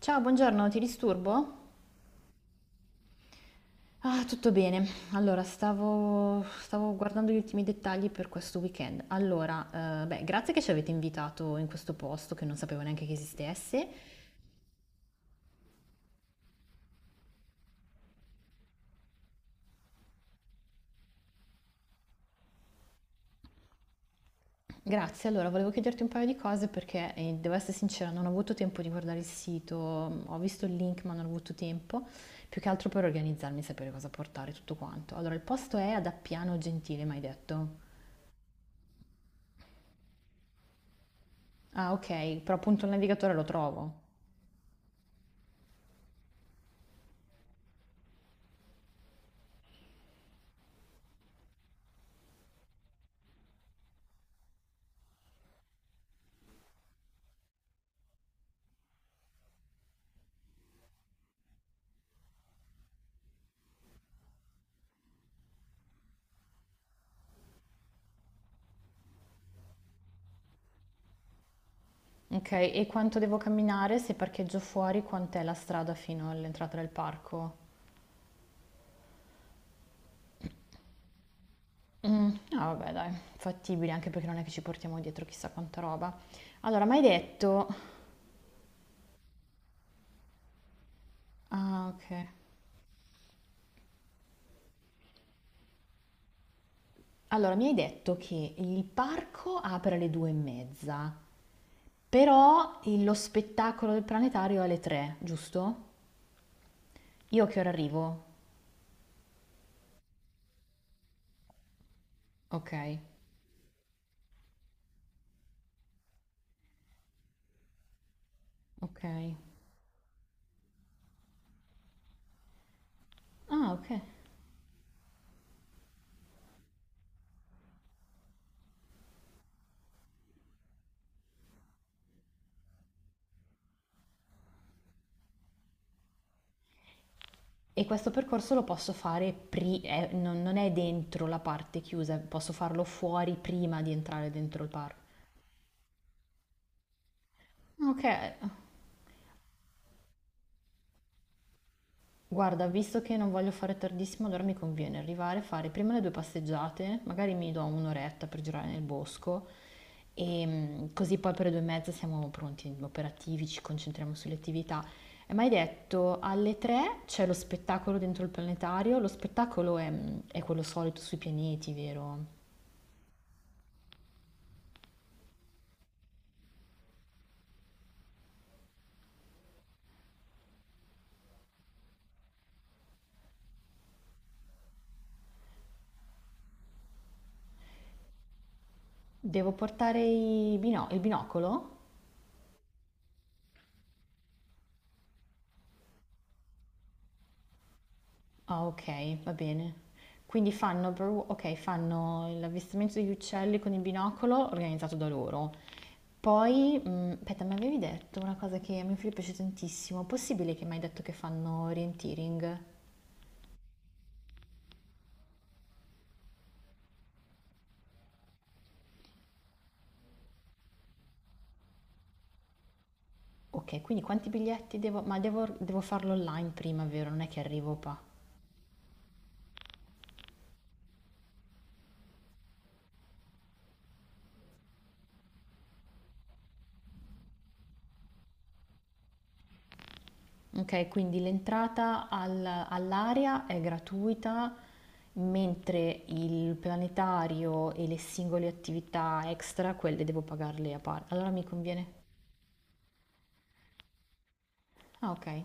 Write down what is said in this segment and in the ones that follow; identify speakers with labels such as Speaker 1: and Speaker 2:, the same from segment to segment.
Speaker 1: Ciao, buongiorno, ti disturbo? Ah, tutto bene. Allora, stavo guardando gli ultimi dettagli per questo weekend. Allora, beh, grazie che ci avete invitato in questo posto che non sapevo neanche che esistesse. Grazie, allora, volevo chiederti un paio di cose perché, devo essere sincera, non ho avuto tempo di guardare il sito, ho visto il link ma non ho avuto tempo, più che altro per organizzarmi e sapere cosa portare, tutto quanto. Allora, il posto è ad Appiano Gentile, mi hai detto? Ah, ok, però appunto il navigatore lo trovo. Ok, e quanto devo camminare se parcheggio fuori? Quant'è la strada fino all'entrata del parco? Mm, ah, vabbè, dai, fattibile, anche perché non è che ci portiamo dietro chissà quanta roba. Allora, mi hai detto... Ah, ok. Allora, mi hai detto che il parco apre alle due e mezza, però lo spettacolo del planetario è alle tre, giusto? Io a che ora arrivo? Ok, ok. Ah, ok. E questo percorso lo posso fare, non è dentro la parte chiusa, posso farlo fuori prima di entrare dentro il parco. Ok, guarda, visto che non voglio fare tardissimo, allora mi conviene arrivare, fare prima le due passeggiate, magari mi do un'oretta per girare nel bosco e mm, così poi per le due e mezza siamo pronti, operativi, ci concentriamo sulle attività. E mi hai detto alle tre c'è lo spettacolo dentro il planetario, è quello solito sui pianeti, vero? Devo portare il binocolo? Ah, ok, va bene. Quindi ok, fanno l'avvistamento degli uccelli con il binocolo organizzato da loro. Poi, aspetta, mi avevi detto una cosa che a mio figlio piace tantissimo. Possibile che mi hai detto che fanno orienteering? Ok, quindi quanti biglietti devo... Ma devo farlo online prima, vero? Non è che arrivo qua. Okay, quindi l'entrata al all'area è gratuita, mentre il planetario e le singole attività extra, quelle devo pagarle a par allora mi conviene ah okay.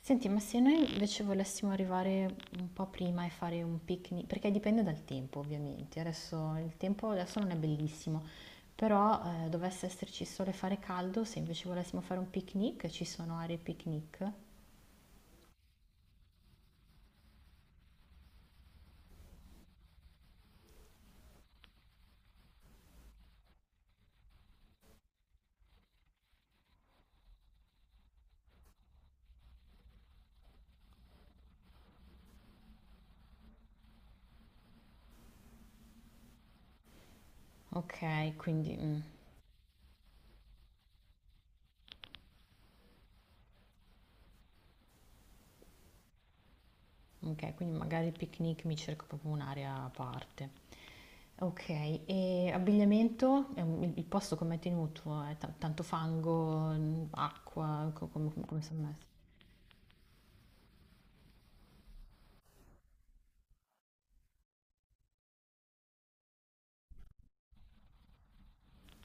Speaker 1: Senti, ma se noi invece volessimo arrivare un po' prima e fare un picni perché dipende dal tempo ovviamente, adesso il tempo adesso non è bellissimo, però, dovesse esserci sole e fare caldo, se invece volessimo fare un picnic, ci sono aree picnic? Okay, quindi. Okay, quindi magari il picnic mi cerco proprio un'area a parte. Okay, e abbigliamento? Il posto com'è tenuto? È ta tanto fango, mhmm, acqua, co come son messi?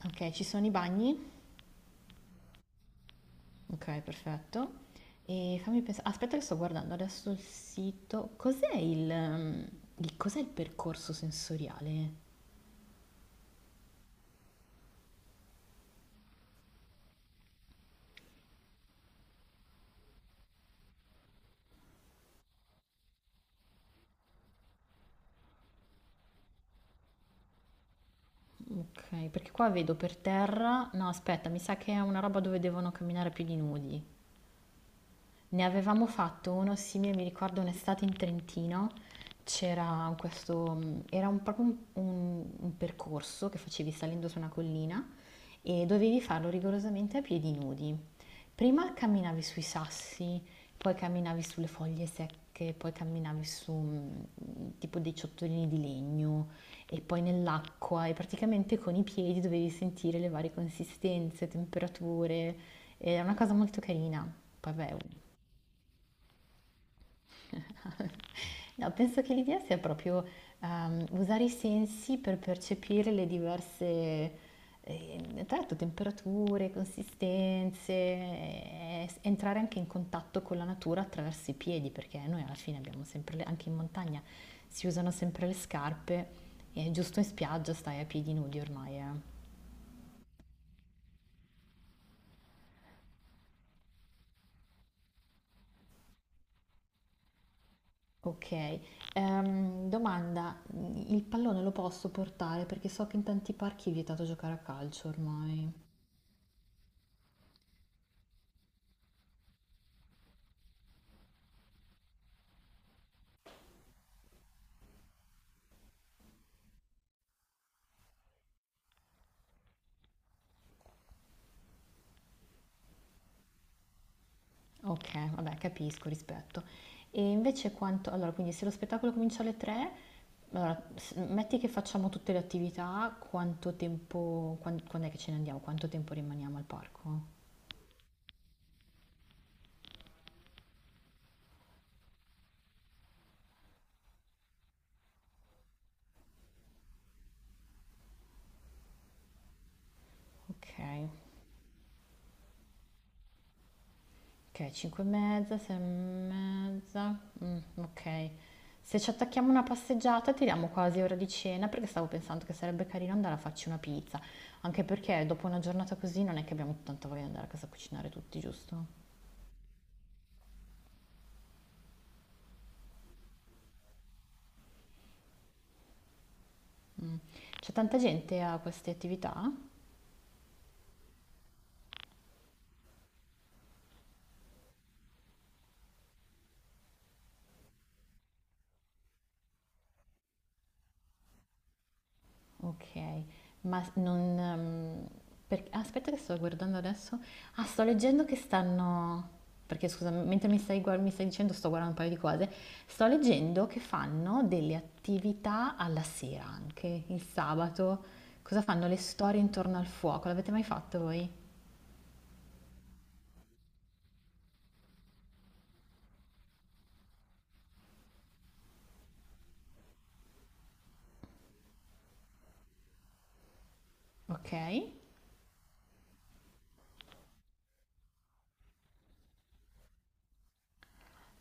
Speaker 1: Okay, ci sono i bagni? Okay, perfetto. E fammi pensa aspetta che sto guardando adesso il sito. Cos'è il mhmm, il cos'è il percorso sensoriale? Okay, perché qua vedo per terra no aspetta, mi sa che è una roba dove devono camminare più di nudi. Ne avevamo fatto uno simile, mi ricordo un'estate in Trentino, c'era questo, proprio un percorso che facevi salendo su una collina e dovevi farlo rigorosamente a piedi nudi. Prima camminavi sui sassi, poi camminavi sulle foglie secche, poi camminavi su tipo dei ciottolini di legno e poi nell'acqua e praticamente con i piedi dovevi sentire le varie consistenze, temperature, è una cosa molto carina. Poi vabbè, no, penso che l'idea sia proprio usare i sensi per percepire le diverse, tra l'altro, temperature, consistenze, entrare anche in contatto con la natura attraverso i piedi, perché noi alla fine abbiamo anche in montagna, si usano sempre le scarpe e giusto in spiaggia stai a piedi nudi ormai, eh. Ok, domanda, il pallone lo posso portare perché so che in tanti parchi è vietato giocare a calcio ormai. Okay, vabbè capisco, rispetto. E invece quanto allora quindi se lo spettacolo comincia alle 3, allora s metti che facciamo tutte le attività, quanto tempo quand'è che ce ne andiamo? Quanto tempo rimaniamo al parco? Okay, okay 5 e mezza, 6 e mezza, okay. Se ci attacchiamo una passeggiata tiriamo quasi ora di cena, perché stavo pensando che sarebbe carino andare a farci una pizza, anche perché dopo una giornata così non è che abbiamo tanta voglia di andare a casa a cucinare tutti, giusto? C'è tanta gente a queste attività? Ok, ma non... per- aspetta che sto guardando adesso. Ah, sto leggendo che stanno... Perché scusa, mentre mi stai dicendo sto guardando un paio di cose. Sto leggendo che fanno delle attività alla sera anche, il sabato. Cosa fanno? Le storie intorno al fuoco. L'avete mai fatto voi? Ok.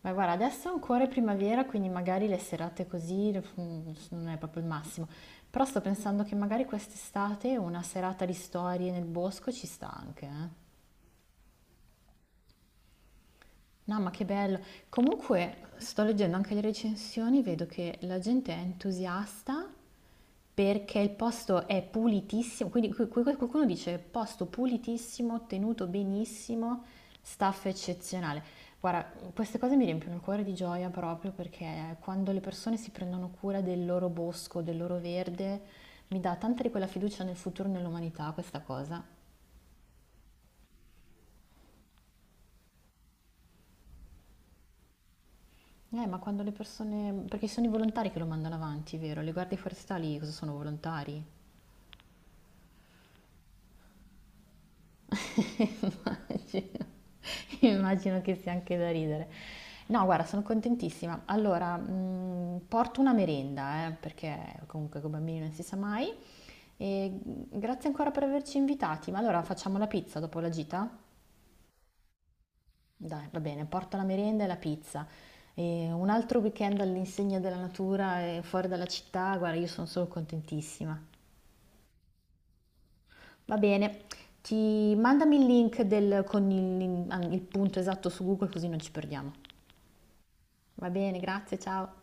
Speaker 1: Ma guarda, adesso ancora è primavera, quindi magari le serate così mm, non è proprio il massimo. Però sto pensando che magari quest'estate una serata di storie nel bosco ci sta anche, eh. No, ma che bello. Comunque, sto leggendo anche le recensioni, vedo che la gente è entusiasta perché il posto è pulitissimo, quindi qualcuno dice posto pulitissimo, tenuto benissimo, staff eccezionale. Guarda, queste cose mi riempiono il cuore di gioia proprio perché quando le persone si prendono cura del loro bosco, del loro verde, mi dà tanta di quella fiducia nel futuro e nell'umanità questa cosa. Ma quando le persone... Perché sono i volontari che lo mandano avanti, vero? Le guardie forestali cosa sono volontari? Immagino, immagino che sia anche da ridere. No, guarda, sono contentissima. Allora, porto una merenda, perché comunque con i bambini non si sa mai. E grazie ancora per averci invitati. Ma allora facciamo la pizza dopo la gita? Dai, va bene, porto la merenda e la pizza. E un altro weekend all'insegna della natura e fuori dalla città, guarda, io sono solo contentissima. Va bene, ti mandami il link con il punto esatto su Google così non ci perdiamo. Va bene, grazie, ciao.